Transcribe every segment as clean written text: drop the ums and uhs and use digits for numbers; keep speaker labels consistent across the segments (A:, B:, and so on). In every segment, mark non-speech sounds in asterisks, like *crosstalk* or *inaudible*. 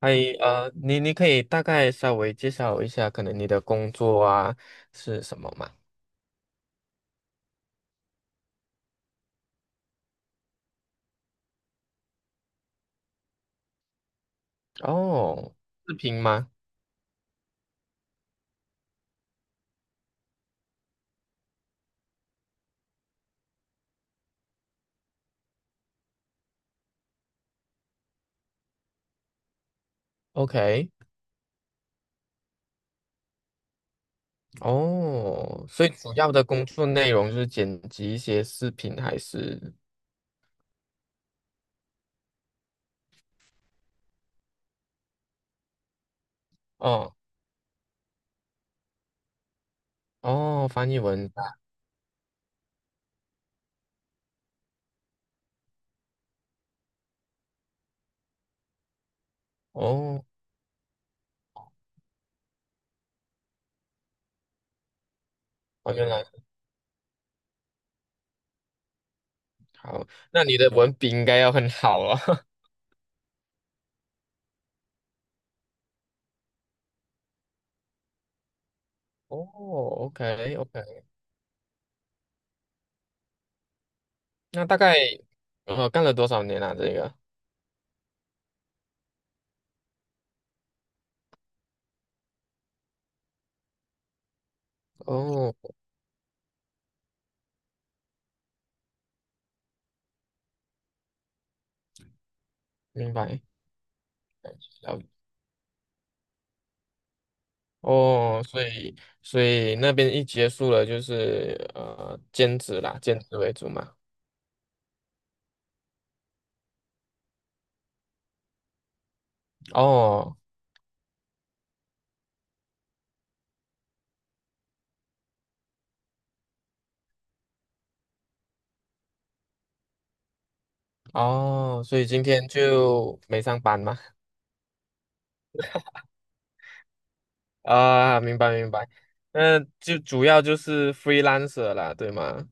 A: 嗨，你可以大概稍微介绍一下，可能你的工作啊是什么吗？哦，视频吗？OK。哦，所以主要的工作内容就是剪辑一些视频，还是哦哦翻译文档？哦哦，原来。好，那你的文笔应该要很好哦。*laughs* 哦，OK OK。那大概干了多少年啊？这个哦，明白，了解。哦，所以所以那边一结束了，就是兼职啦，兼职为主嘛。哦哦，所以今天就没上班嘛。*laughs* 啊，明白明白。那就主要就是 freelancer 啦，对吗？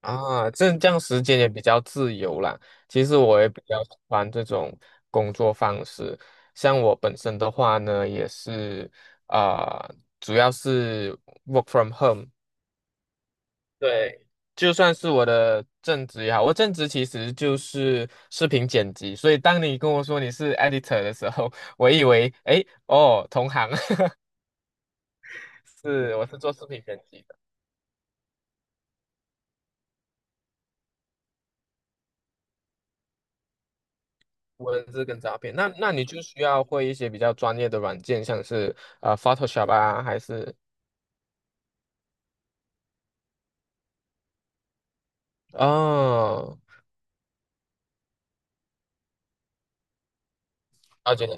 A: 啊，这这样时间也比较自由啦。其实我也比较喜欢这种工作方式。像我本身的话呢，也是啊、呃主要是 work from home。对，就算是我的正职也好，我正职其实就是视频剪辑，所以当你跟我说你是 editor 的时候，我以为，哎，哦，同行。*laughs* 是，我是做视频剪辑的。文字跟照片，那那你就需要会一些比较专业的软件，像是Photoshop 啊，还是哦，了解了。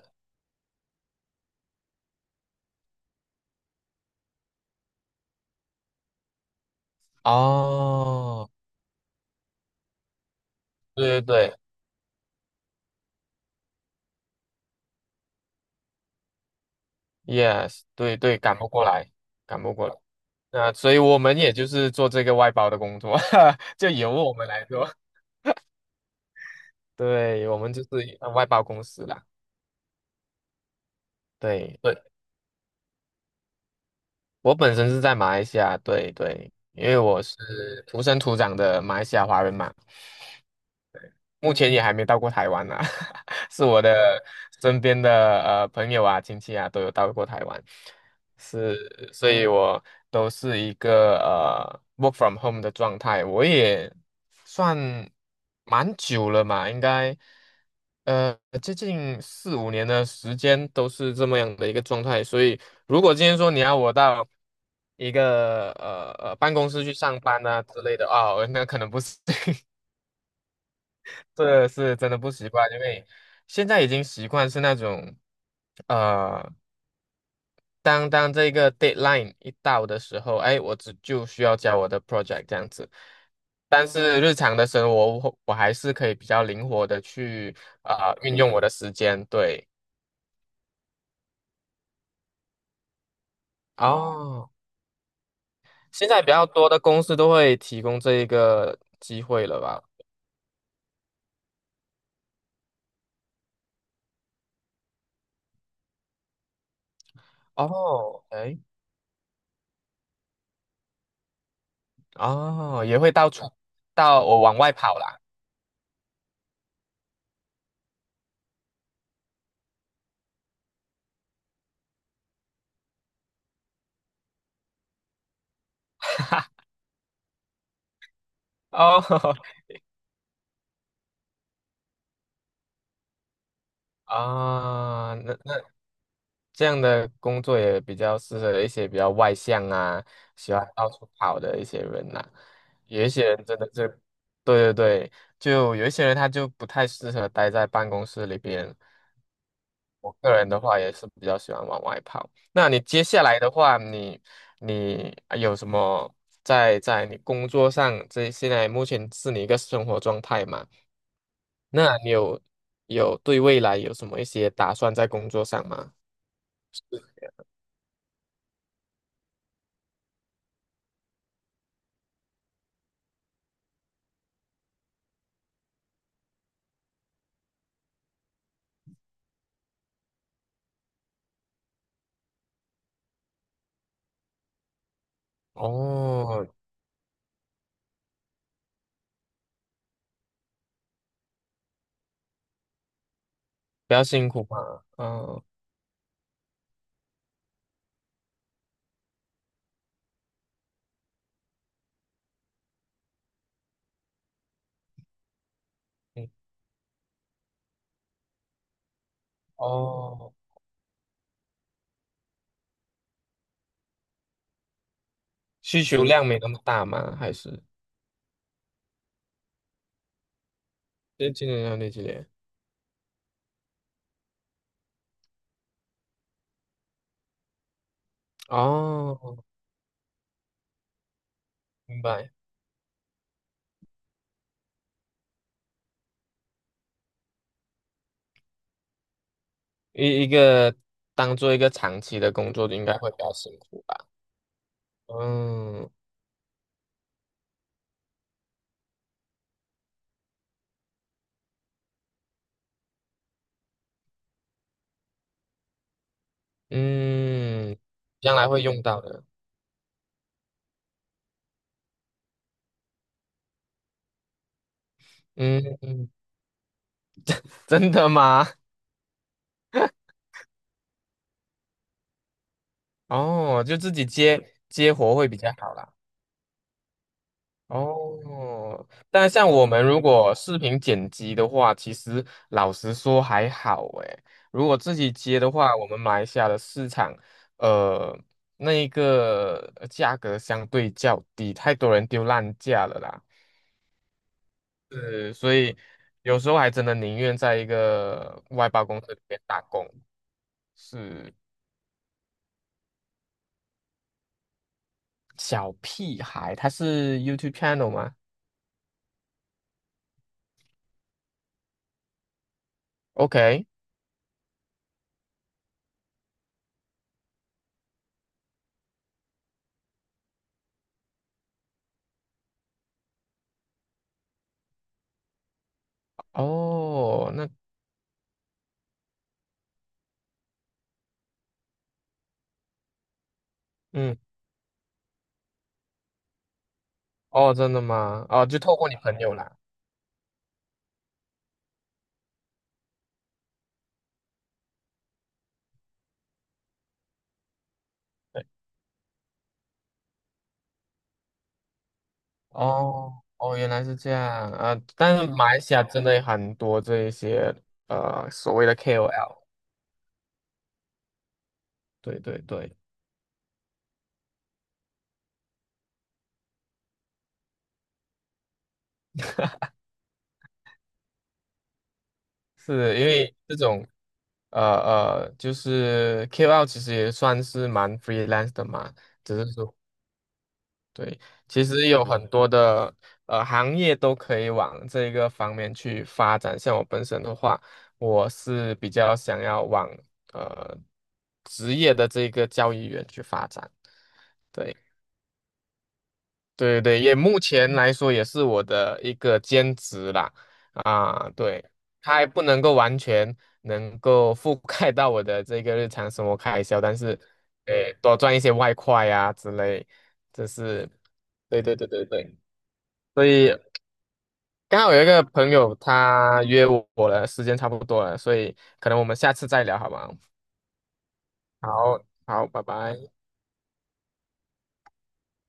A: 哦，对对对，yes,对对，赶不过来，赶不过来。那所以我们也就是做这个外包的工作，*laughs* 就由我们来做。对，我们就是一外包公司啦。对对，我本身是在马来西亚，对对，因为我是土生土长的马来西亚华人嘛。目前也还没到过台湾呢、啊。 *laughs* 是我的身边的朋友啊、亲戚啊都有到过台湾。是，所以我都是一个work from home 的状态，我也算蛮久了嘛，应该呃接近四五年的时间都是这么样的一个状态，所以如果今天说你要我到一个办公室去上班啊之类的啊、那可能不是。*laughs* 这是真的不习惯，因为现在已经习惯是那种，呃，当当这个 deadline 一到的时候，哎，我只就需要交我的 project 这样子。但是日常的生活，我还是可以比较灵活的去运用我的时间。对，哦，现在比较多的公司都会提供这一个机会了吧？哦，哎，哦，也会到处到我往外跑啦。哦。 *laughs*，啊，那这样的工作也比较适合一些比较外向啊，喜欢到处跑的一些人呐、有一些人真的是，对对对，就有一些人他就不太适合待在办公室里边。我个人的话也是比较喜欢往外跑。那你接下来的话，你啊有什么在在你工作上，这现在目前是你一个生活状态嘛？那你有有对未来有什么一些打算在工作上吗？哦，比较辛苦嘛，嗯，嗯哦，需求量没那么大吗？还是这今年要那几年？哦，明白，一一个当做一个长期的工作，应该会比较辛苦吧？嗯嗯，将来会用到的，嗯嗯，真的吗？哦，就自己接接活会比较好啦。哦，但像我们如果视频剪辑的话，其实老实说还好诶。如果自己接的话，我们马来西亚的市场，呃，那一个价格相对较低，太多人丢烂价了啦。是，所以有时候还真的宁愿在一个外包公司里面打工。是小屁孩，他是 YouTube channel 吗？OK。哦，那。嗯。哦，真的吗？哦，就透过你朋友啦。对，哦哦，原来是这样啊，但是马来西亚真的很多这一些所谓的 KOL,对对对，是因为这种就是 KOL 其实也算是蛮 freelance 的嘛，只是说。对，其实有嗯很多的行业都可以往这个方面去发展。像我本身的话，我是比较想要往呃职业的这个交易员去发展。对对对，也目前来说也是我的一个兼职啦。啊，对，它还不能够完全能够覆盖到我的这个日常生活开销，但是，诶，多赚一些外快啊之类，这是，对对对对对。所以刚好有一个朋友他约我了，时间差不多了，所以可能我们下次再聊好吗？好，好，拜拜。